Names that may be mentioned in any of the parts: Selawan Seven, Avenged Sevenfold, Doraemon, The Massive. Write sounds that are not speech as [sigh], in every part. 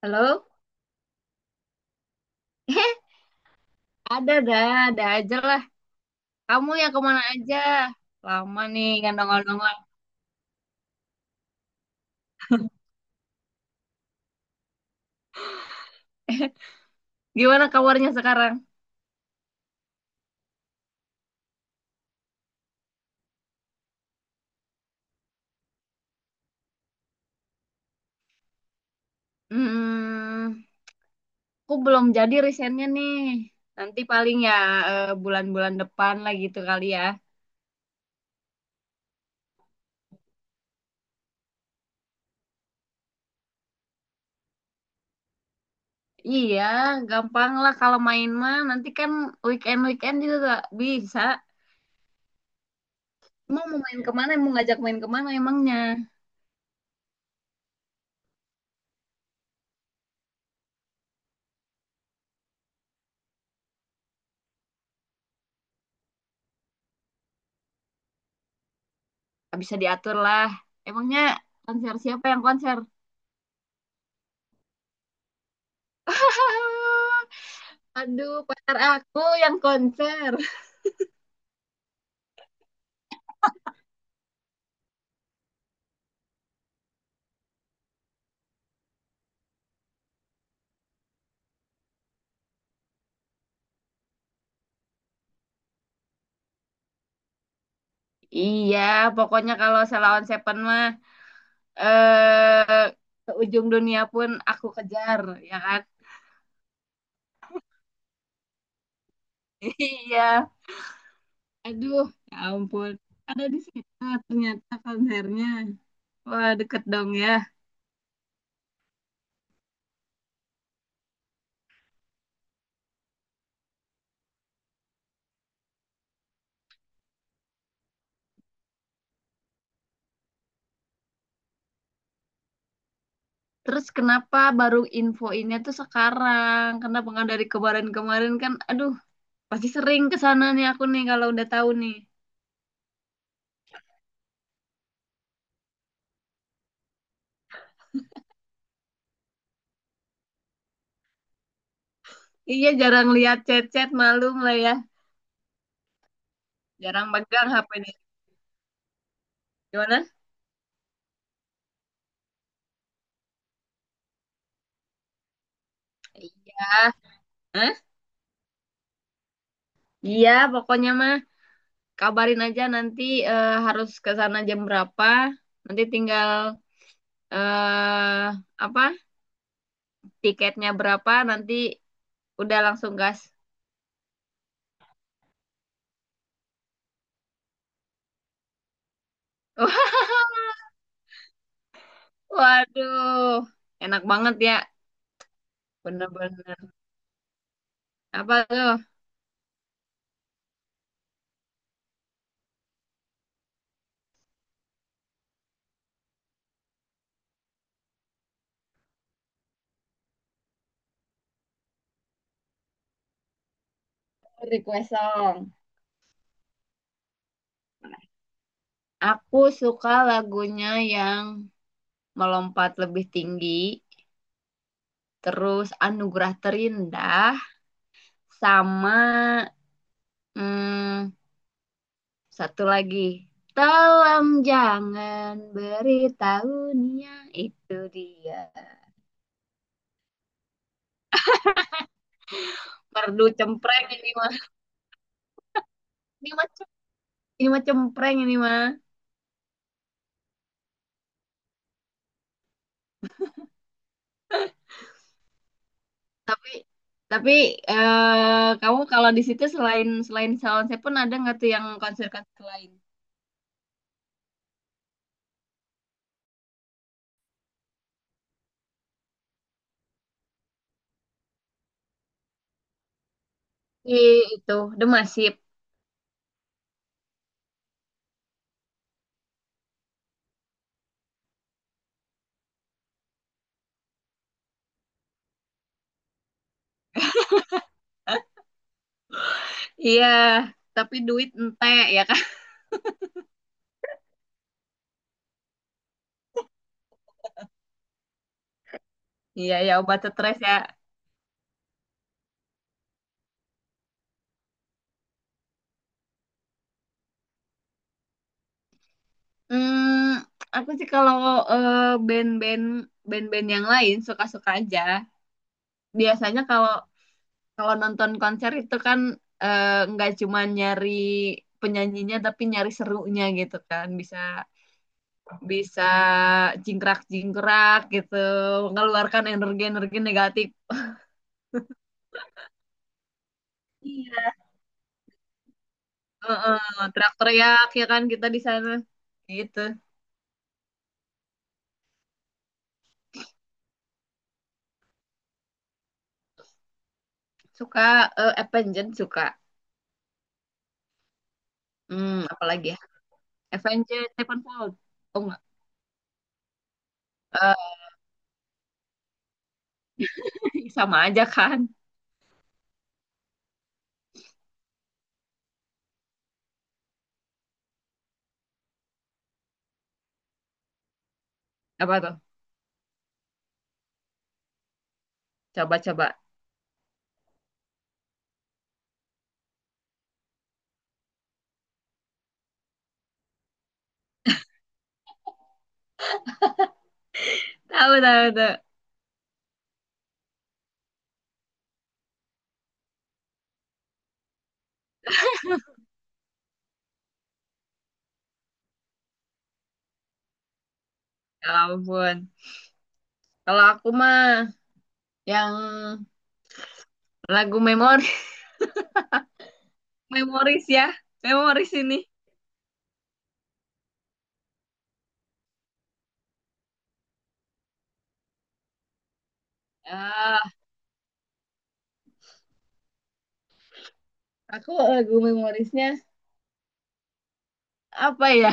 Halo? [laughs] Eh, ada dah, ada aja lah. Kamu yang kemana aja? Lama nih nggak nongol-nongol. [laughs] Gimana kabarnya sekarang? Hmm, aku belum jadi risetnya nih. Nanti paling ya bulan-bulan depan lah gitu kali ya. Iya, gampang lah kalau main mah. Nanti kan weekend-weekend juga gak bisa. Emang mau main kemana? Mau ngajak main kemana emangnya? Gak bisa diatur lah. Emangnya konser siapa yang konser? [laughs] Aduh, pacar aku yang konser. Iya, pokoknya kalau Selawan Seven mah eh ke ujung dunia pun aku kejar, ya kan? [laughs] Iya. Aduh, ya ampun. Ada di situ ternyata konsernya. Wah, deket dong ya. Terus kenapa baru infoinnya tuh sekarang? Kenapa nggak dari kemarin-kemarin kan? Aduh, pasti sering ke sana nih aku nih kalau udah tahu nih. Iya, jarang lihat chat-chat malu lah ya. Jarang pegang HP nih. Gimana? Iya. Hah? Iya, pokoknya mah kabarin aja nanti harus ke sana jam berapa. Nanti tinggal eh apa? Tiketnya berapa nanti udah langsung gas. [laughs] Waduh, enak banget ya. Bener-bener. Apa tuh? Request song. Aku suka lagunya yang melompat lebih tinggi, terus anugerah terindah, sama hmm, satu lagi. Tolong jangan beritahu Nia, itu dia. Merdu cempreng ini mah. Ini mah ini mah cempreng ini mah. Tapi tapi kamu kalau di situ selain selain Salon Seven ada nggak tuh yang konser-konser lain? Di itu The Massive. Iya, tapi duit ente ya kan. [laughs] Iya ya, obat stres ya. Hmm, aku sih kalau eh, band-band band-band yang lain suka-suka aja. Biasanya kalau kalau nonton konser itu kan eh, nggak cuma nyari penyanyinya tapi nyari serunya gitu kan bisa bisa jingkrak-jingkrak gitu, mengeluarkan energi-energi negatif. Iya. Heeh, teriak-teriak ya kan kita di sana gitu. Suka Avenged suka, apalagi ya. Avenged Sevenfold, oh enggak. [laughs] Sama aja kan. Apa tuh? Coba-coba. Tahu tahu tahu. Ya ampun, kalau aku mah yang lagu memori. [laughs] Memoris ya, memoris ini. Ah, aku lagu memorisnya apa ya.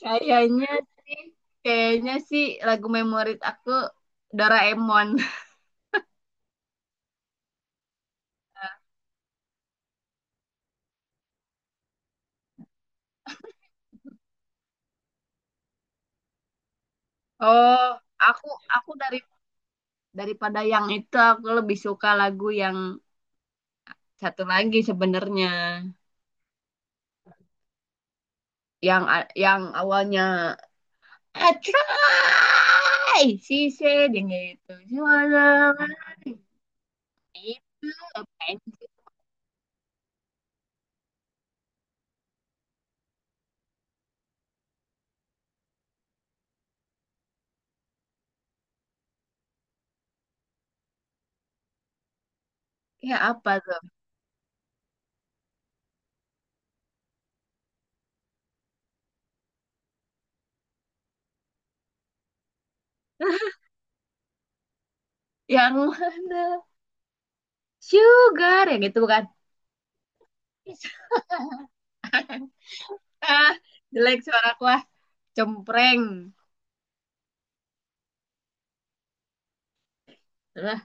Kayaknya sih kayaknya sih lagu memoris aku Doraemon. [laughs] Oh, aku aku dari, daripada yang itu aku lebih suka lagu yang satu lagi sebenarnya. Yang yang awalnya I try she said yang gitu, She was a-. Itu apa ya. Iya, apa tuh. Yang mana? Sugar yang itu bukan. Ah, jelek suaraku ah, cempreng. Lah,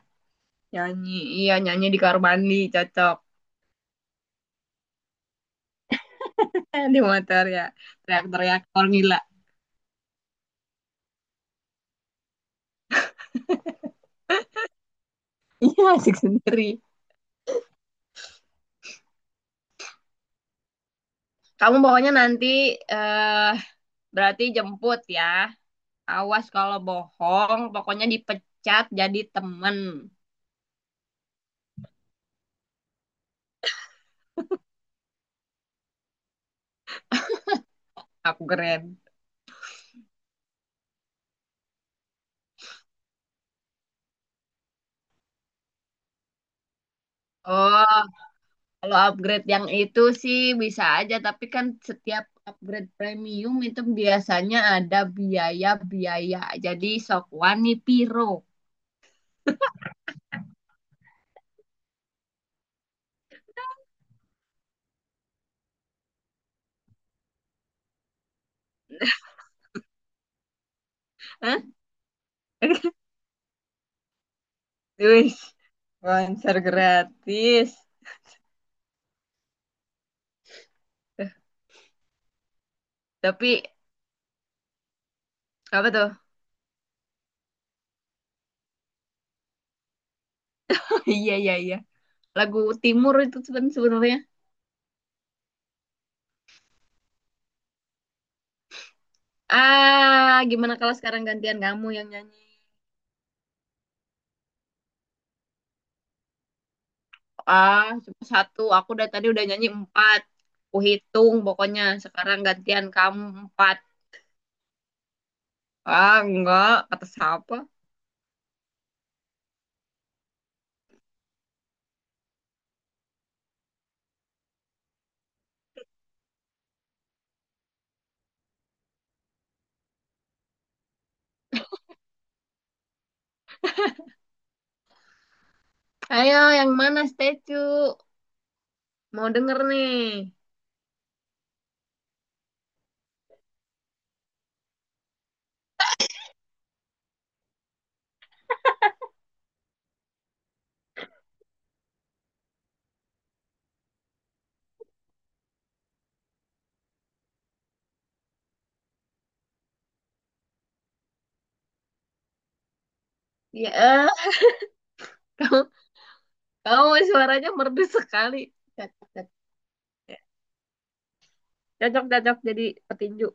nyanyi. Iya, nyanyi di kamar mandi cocok. [laughs] Di motor ya. Teriak-teriak orang gila. [laughs] Iya, asik sendiri. Kamu pokoknya nanti eh berarti jemput ya. Awas kalau bohong, pokoknya dipecat jadi temen. Aku keren. Oh, kalau upgrade yang itu sih bisa aja, tapi kan setiap upgrade premium itu biasanya ada biaya-biaya. Jadi sok wani piro. Hah? [laughs] Wih, konser gratis. Eh, Tapi apa tuh? [laughs] Iya, iya, iya. Lagu Timur itu sebenarnya. Ah, gimana kalau sekarang gantian kamu yang nyanyi? Ah, cuma satu. Aku dari tadi udah nyanyi empat. Aku hitung pokoknya. Sekarang gantian kamu empat. Ah, enggak. Kata siapa? Ayo, yang mana statue? Mau denger nih. Ya, kamu, kamu suaranya merdu sekali. Cocok, cocok. Cocok, cocok jadi petinju.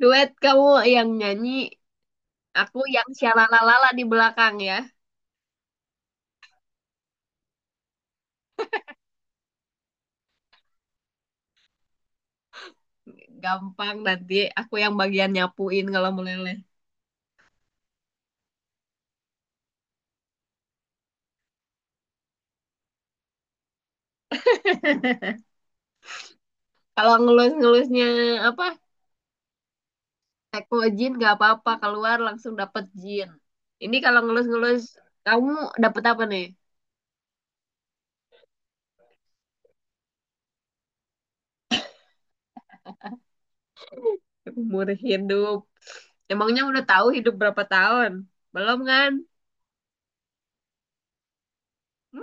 Duet kamu yang nyanyi, aku yang syalalalala di belakang ya. Gampang, nanti aku yang bagian nyapuin kalau meleleh. Kalau ngelus-ngelusnya apa? Teko jin gak apa-apa, keluar langsung dapet jin. Ini kalau ngelus-ngelus, kamu dapet apa nih? Umur hidup. Emangnya udah tahu hidup berapa tahun? Belum kan? Hmm.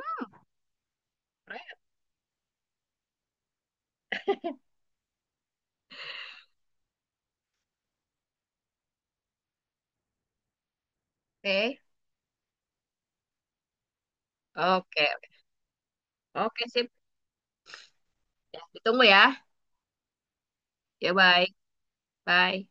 Oke. Oke. Oke, sip. Ya, ditunggu ya. Ya, bye. Bye.